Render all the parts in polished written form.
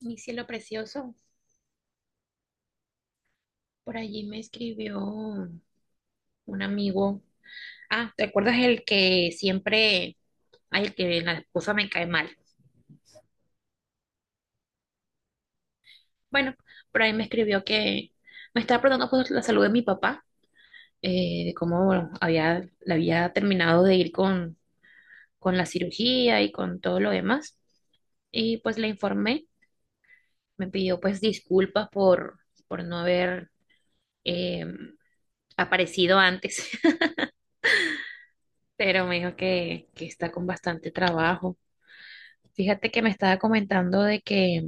Mi cielo precioso, por allí me escribió un amigo. Ah, ¿te acuerdas el que siempre, ay, el que la esposa me cae mal? Bueno, por ahí me escribió que me estaba preguntando por la salud de mi papá, de cómo había, le había terminado de ir con la cirugía y con todo lo demás. Y pues le informé, me pidió pues disculpas por no haber eh, aparecido antes, pero me dijo que está con bastante trabajo. Fíjate que me estaba comentando de que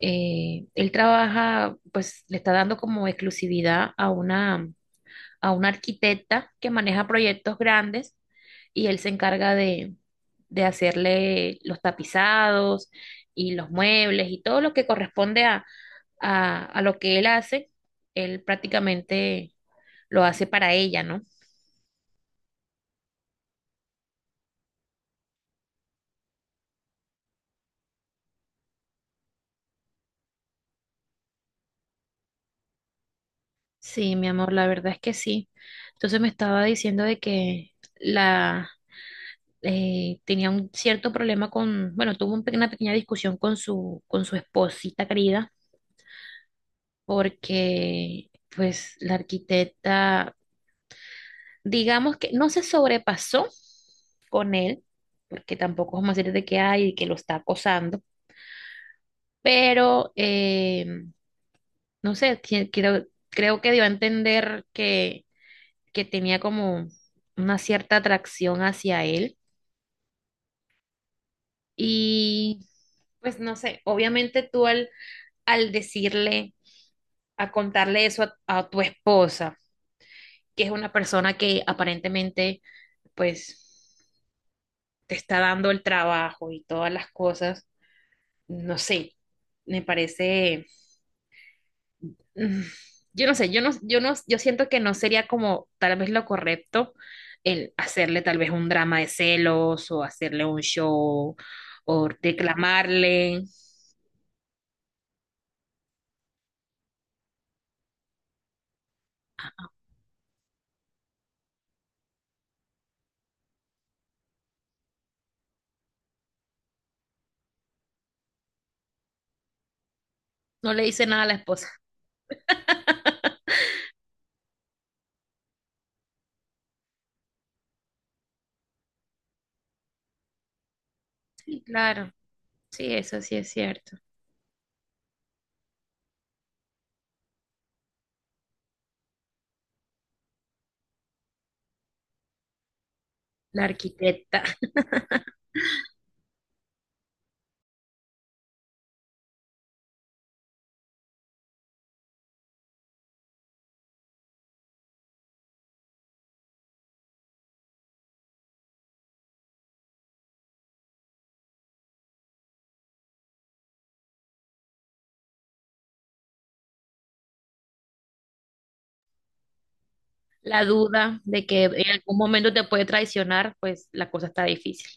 él trabaja, pues le está dando como exclusividad a a una arquitecta que maneja proyectos grandes, y él se encarga de hacerle los tapizados y los muebles y todo lo que corresponde a lo que él hace, él prácticamente lo hace para ella, ¿no? Sí, mi amor, la verdad es que sí. Entonces me estaba diciendo de que la tenía un cierto problema con, bueno, tuvo una pequeña discusión con con su esposita querida, porque pues la arquitecta, digamos que no se sobrepasó con él, porque tampoco vamos a decir de que hay, y que lo está acosando, pero no sé, creo que dio a entender que tenía como una cierta atracción hacia él. Y pues no sé, obviamente tú al al decirle, a contarle eso a tu esposa, que es una persona que aparentemente, pues, te está dando el trabajo y todas las cosas, no sé, me parece, mm, yo no sé, yo no, yo no, yo siento que no sería como tal vez lo correcto el hacerle tal vez un drama de celos o hacerle un show o reclamarle. No le dice nada a la esposa. Sí, claro, sí, eso sí es cierto. La arquitecta. La duda de que en algún momento te puede traicionar, pues la cosa está difícil.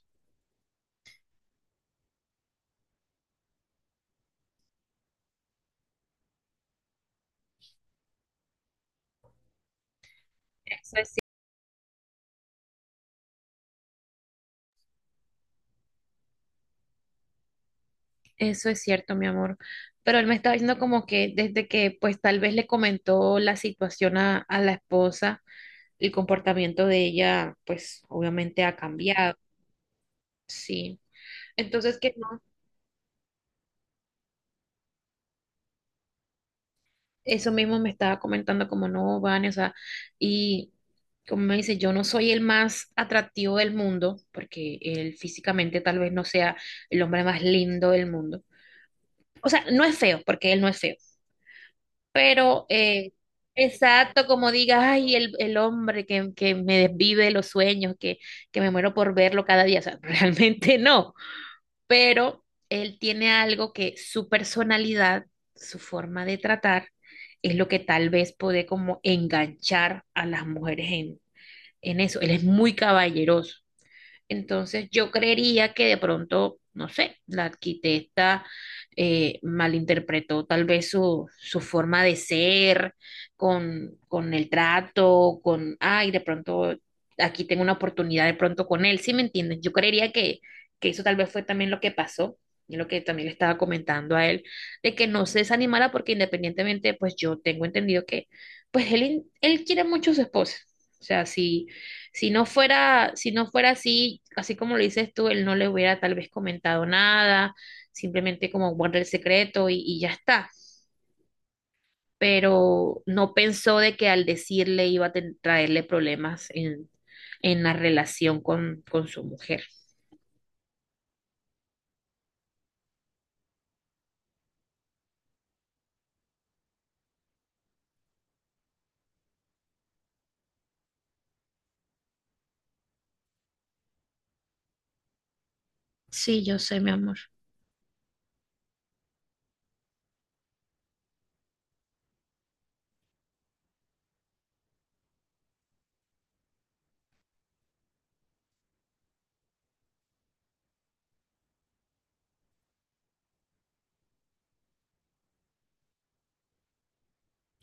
Eso es cierto, mi amor. Pero él me estaba diciendo como que desde que pues tal vez le comentó la situación a la esposa, el comportamiento de ella pues obviamente ha cambiado. Sí. Entonces que no, eso mismo me estaba comentando como no, Vane, o sea, y como me dice, yo no soy el más atractivo del mundo, porque él físicamente tal vez no sea el hombre más lindo del mundo. O sea, no es feo, porque él no es feo, pero exacto, como digas, ay, el hombre que me desvive los sueños, que me muero por verlo cada día, o sea, realmente no, pero él tiene algo que su personalidad, su forma de tratar, es lo que tal vez puede como enganchar a las mujeres en eso. Él es muy caballeroso. Entonces yo creería que de pronto, no sé, la arquitecta malinterpretó tal vez su forma de ser con el trato, con, ay, de pronto aquí tengo una oportunidad de pronto con él, ¿sí me entiendes? Yo creería que eso tal vez fue también lo que pasó. Y lo que también le estaba comentando a él, de que no se desanimara porque independientemente, pues yo tengo entendido que, él quiere mucho a su esposa. O sea, sí, si no fuera así, así como lo dices tú, él no le hubiera tal vez comentado nada, simplemente como guarda el secreto y ya está. Pero no pensó de que al decirle iba a traerle problemas en la relación con su mujer. Sí, yo sé, mi amor.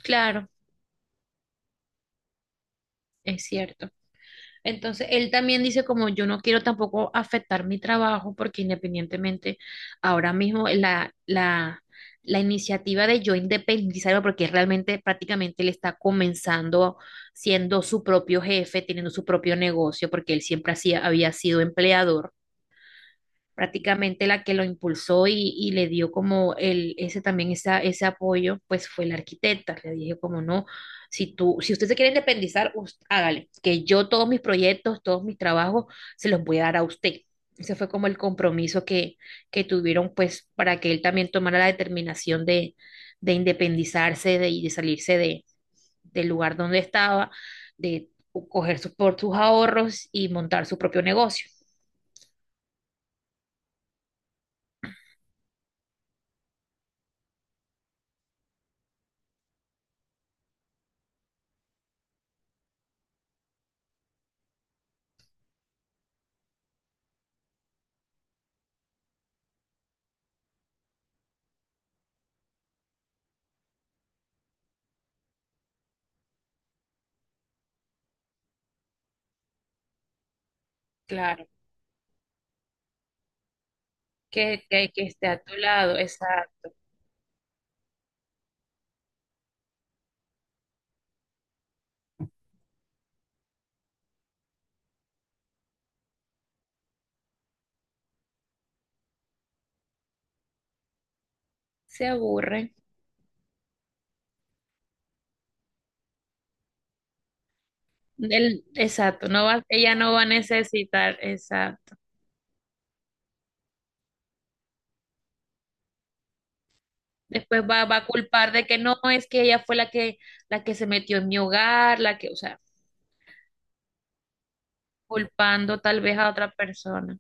Claro, es cierto. Entonces, él también dice como yo no quiero tampoco afectar mi trabajo porque independientemente ahora mismo la iniciativa de yo independizarme, porque realmente prácticamente él está comenzando siendo su propio jefe, teniendo su propio negocio porque él siempre había sido empleador. Prácticamente la que lo impulsó y le dio como el, ese también esa, ese apoyo, pues fue la arquitecta. Le dije como no, si usted se quiere independizar, hágale, que yo todos mis proyectos, todos mis trabajos se los voy a dar a usted. Ese fue como el compromiso que tuvieron pues para que él también tomara la determinación de independizarse de, y de salirse de, del lugar donde estaba, de coger sus, por sus ahorros y montar su propio negocio. Claro que esté a tu lado, exacto. Se aburre. Exacto, no va, ella no va a necesitar, exacto. Después va a culpar de que no, es que ella fue la que se metió en mi hogar, la que, o sea, culpando tal vez a otra persona,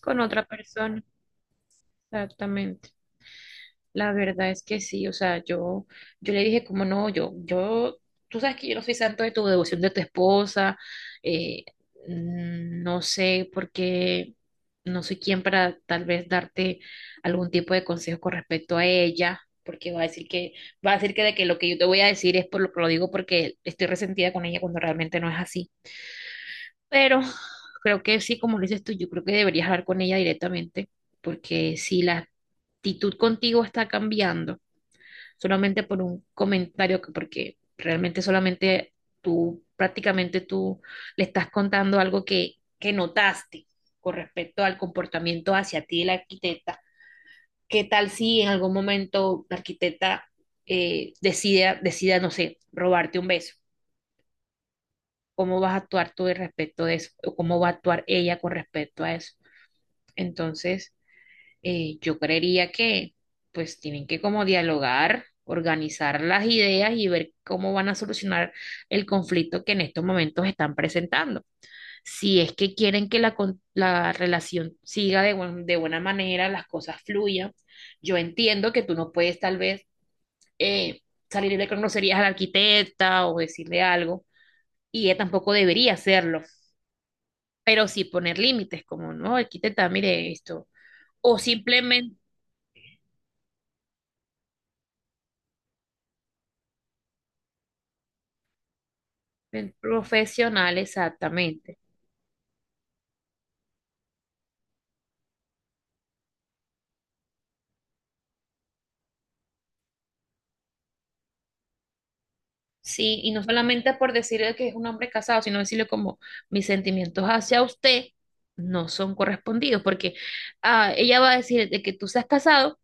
con otra persona, exactamente. La verdad es que sí, o sea, yo le dije como no, tú sabes que yo no soy santo de tu devoción de tu esposa, eh, no sé por qué, no soy quien para tal vez darte algún tipo de consejo con respecto a ella, porque va a decir que de que lo que yo te voy a decir es por lo que lo digo porque estoy resentida con ella cuando realmente no es así. Pero creo que sí, como lo dices tú, yo creo que deberías hablar con ella directamente, porque si la actitud contigo está cambiando, solamente por un comentario, porque realmente solamente prácticamente tú le estás contando algo que notaste con respecto al comportamiento hacia ti de la arquitecta. ¿Qué tal si en algún momento la arquitecta decida, no sé, robarte un beso? ¿Cómo vas a actuar tú al respecto de eso? ¿O cómo va a actuar ella con respecto a eso? Entonces… yo creería que pues tienen que como dialogar, organizar las ideas y ver cómo van a solucionar el conflicto que en estos momentos están presentando. Si es que quieren que la relación siga de, de buena manera, las cosas fluyan, yo entiendo que tú no puedes tal vez eh, salirle con groserías a la arquitecta o decirle algo, y ella tampoco debería hacerlo, pero sí poner límites, como, no, arquitecta, mire esto. O simplemente el profesional, exactamente. Sí, y no solamente por decirle que es un hombre casado, sino decirle como mis sentimientos hacia usted no son correspondidos, porque ah, ella va a decir de que tú seas casado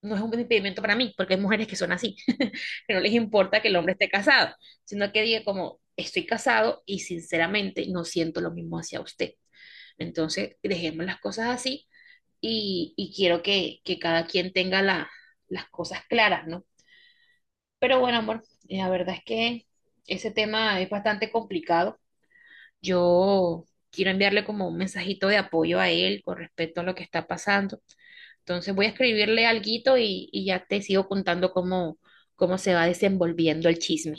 no es un impedimento para mí, porque hay mujeres que son así, que no les importa que el hombre esté casado, sino que diga como estoy casado y sinceramente no siento lo mismo hacia usted. Entonces, dejemos las cosas así y quiero que cada quien tenga las cosas claras, ¿no? Pero bueno, amor, la verdad es que ese tema es bastante complicado. Yo quiero enviarle como un mensajito de apoyo a él con respecto a lo que está pasando. Entonces voy a escribirle alguito y ya te sigo contando cómo se va desenvolviendo el chisme.